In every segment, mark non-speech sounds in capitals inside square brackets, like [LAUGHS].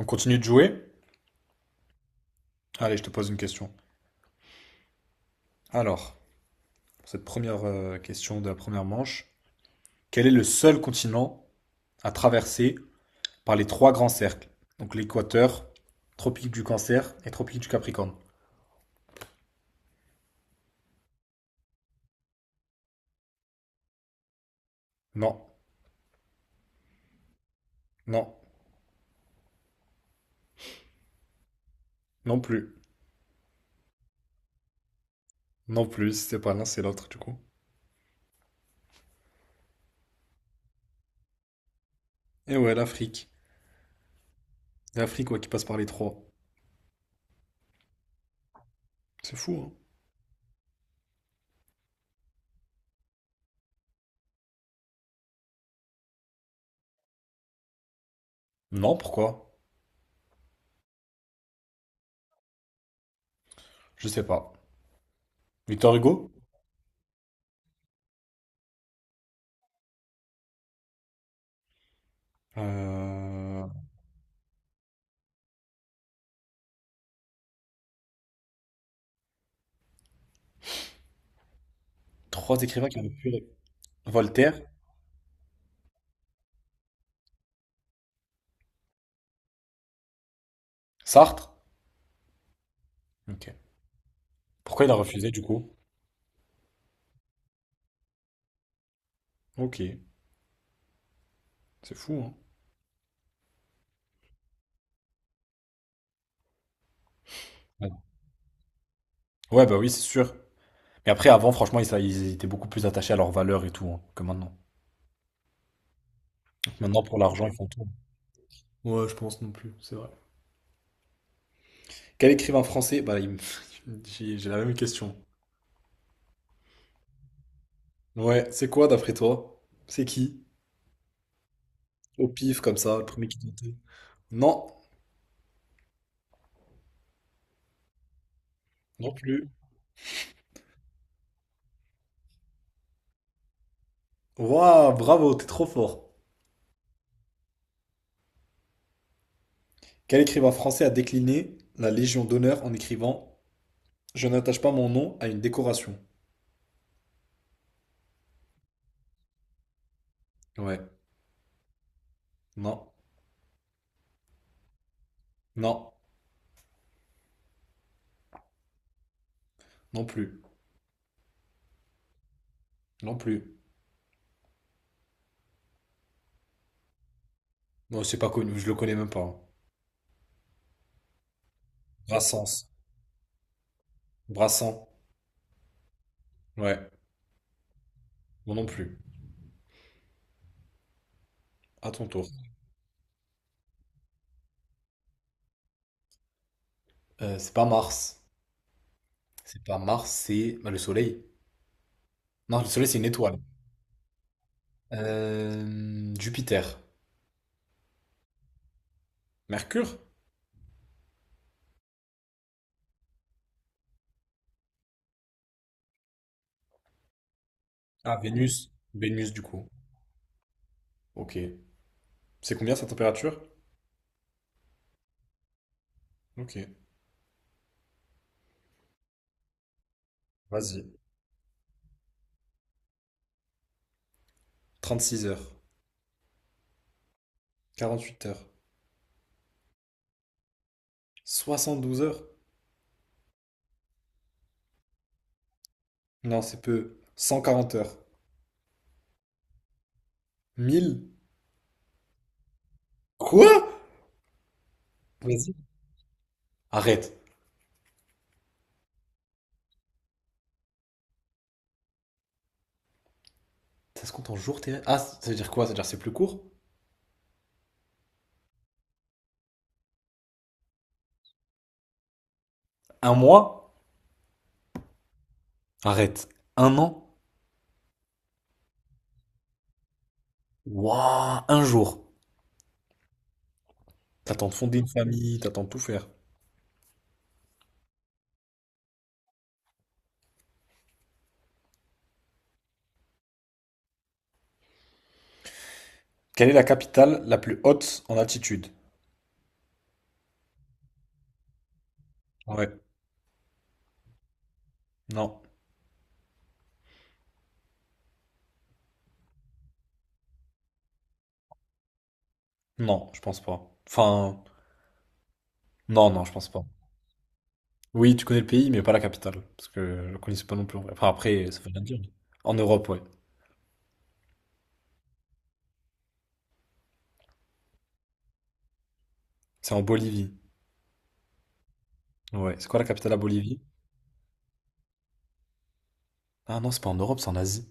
On continue de jouer? Allez, je te pose une question. Alors, pour cette première question de la première manche, quel est le seul continent à traverser par les trois grands cercles? Donc l'équateur, tropique du Cancer et tropique du Capricorne. Non, non, non plus. Non plus, si c'est pas l'un, c'est l'autre du coup. Et ouais, l'Afrique. L'Afrique, ouais, qui passe par les trois. C'est fou, hein? Non, pourquoi? Je sais pas. Victor Hugo? Euh, Trois écrivains qui avaient pu... Voltaire? Sartre? Ok. Pourquoi il a refusé du coup? Ok, c'est fou, hein. Ouais, ouais, bah oui, c'est sûr. Mais après, avant, franchement, ils étaient beaucoup plus attachés à leurs valeurs et tout, hein, que maintenant. Maintenant, pour l'argent, ils font tout. Ouais, je pense non plus, c'est vrai. Quel écrivain français? Bah, [LAUGHS] j'ai la même question. Ouais, c'est quoi d'après toi? C'est qui? Au pif, comme ça, le premier qui tentait. Non, non plus. Waouh, bravo, t'es trop fort. Quel écrivain français a décliné la Légion d'honneur en écrivant : « Je n'attache pas mon nom à une décoration »? Ouais, non, non, non plus, non plus. Non, c'est pas connu, je le connais même pas, hein. Brassens. Brassens. Ouais, moi non plus. À ton tour. C'est pas Mars. C'est pas Mars, c'est bah, le Soleil. Non, le Soleil, c'est une étoile. Jupiter. Mercure? Ah, Vénus. Vénus, du coup. Ok. C'est combien sa température? Ok. Vas-y. 36 heures. 48 heures. 72 heures? Non, c'est peu. 140 heures. Mille. Quoi? Vas-y. Arrête. Ça se compte en jours, tes... Ah, ça veut dire quoi? Ça veut dire c'est plus court? Un mois? Arrête. Un an? Waouh, un jour. T'attends de fonder une famille, t'attends de tout faire. Quelle est la capitale la plus haute en altitude? Ouais. Non. Non, je pense pas. Enfin, non, non, je pense pas. Oui, tu connais le pays, mais pas la capitale. Parce que je le connaissais pas non plus, en vrai. Enfin, après, ça veut rien dire. En Europe, ouais. C'est en Bolivie. Ouais. C'est quoi la capitale à Bolivie? Ah non, c'est pas en Europe, c'est en Asie.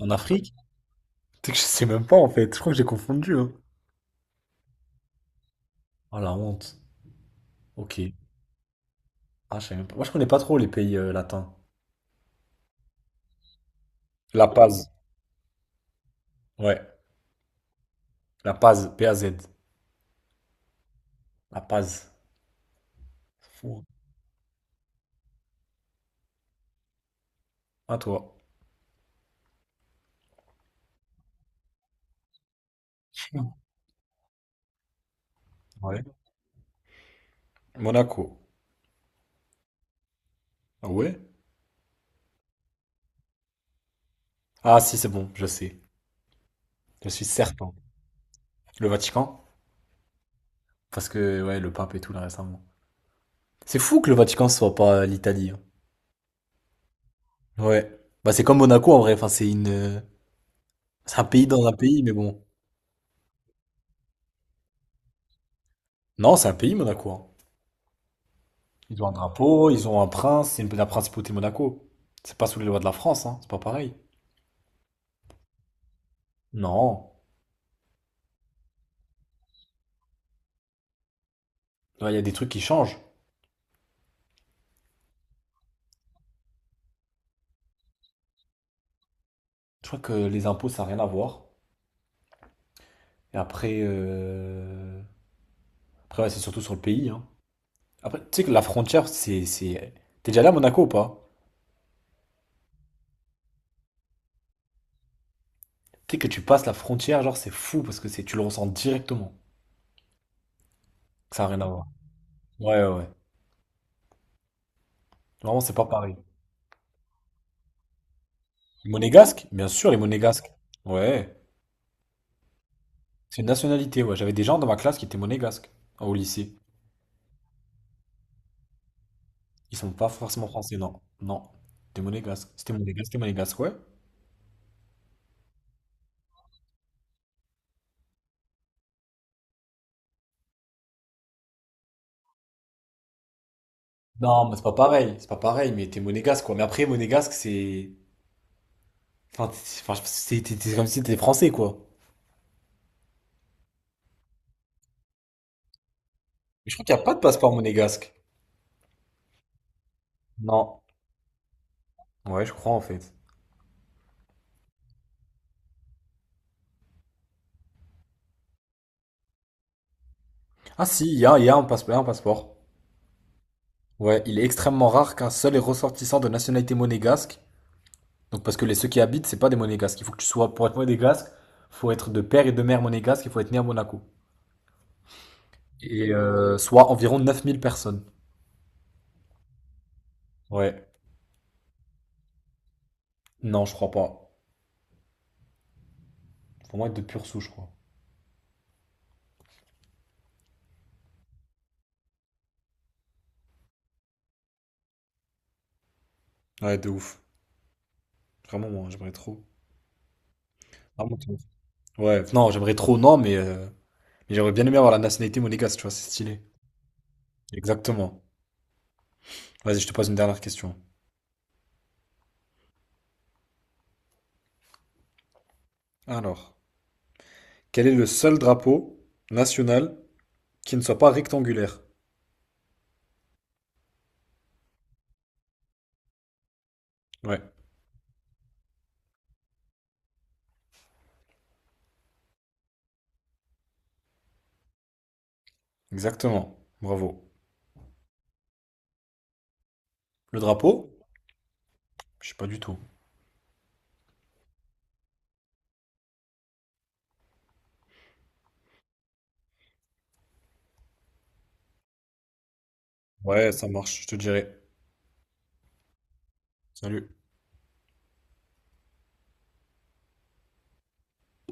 En Afrique? [LAUGHS] C'est que je sais même pas en fait. Je crois que j'ai confondu, hein. Ah la honte. Ok. Ah, je savais même pas. Moi, je connais pas trop les pays latins. La Paz. Ouais. La Paz. Paz. La Paz. Fou. À toi. Ouais. Monaco. Ah ouais. Ah si, c'est bon, je sais. Je suis certain. Le Vatican. Parce que, ouais, le pape et tout, là, récemment. C'est fou que le Vatican soit pas l'Italie, hein. Ouais. Bah, c'est comme Monaco, en vrai. Enfin, C'est un pays dans un pays, mais bon. Non, c'est un pays, Monaco, hein. Ils ont un drapeau, ils ont un prince. La principauté Monaco. C'est pas sous les lois de la France, hein. C'est pas pareil. Non. Là, il y a des trucs qui changent. Je crois que les impôts, ça n'a rien à voir. Et après, ouais, c'est surtout sur le pays, hein. Après, tu sais que la frontière, c'est... T'es déjà allé à Monaco ou pas? Tu sais que tu passes la frontière, genre, c'est fou parce que c'est, tu le ressens directement. Ça n'a rien à voir. Ouais, ouais, ouais. Vraiment, c'est pas pareil. Les monégasques? Bien sûr, les monégasques. Ouais. C'est une nationalité, ouais. J'avais des gens dans ma classe qui étaient monégasques au lycée. Ils sont pas forcément français, non. Non. T'es monégasque. C'était monégasque, t'es monégasque, ouais. Non, mais c'est pas pareil, mais t'es monégasque quoi. Mais après, monégasque, c'est. Enfin, c'est comme si t'étais français, quoi. Mais je crois qu'il n'y a pas de passeport monégasque. Non. Ouais, je crois, en fait. Ah si, il y a un passeport, un passeport. Ouais, il est extrêmement rare qu'un seul est ressortissant de nationalité monégasque. Donc, parce que les ceux qui habitent, c'est pas des monégasques. Il faut que tu sois, pour être monégasque, faut être de père et de mère monégasque, il faut être né à Monaco. Et soit environ 9 000 personnes. Ouais. Non, je crois pas. Faut vraiment être de pure souche, je crois. Ouais, de ouf. Vraiment, moi, j'aimerais trop. Vraiment trop. Ouais, non, j'aimerais trop, non, Mais j'aurais bien aimé avoir la nationalité monégasque, tu vois, c'est stylé. Exactement. Vas-y, je te pose une dernière question. Alors, quel est le seul drapeau national qui ne soit pas rectangulaire? Ouais, exactement. Bravo. Le drapeau? Je sais pas du tout. Ouais, ça marche, je te dirai. Salut.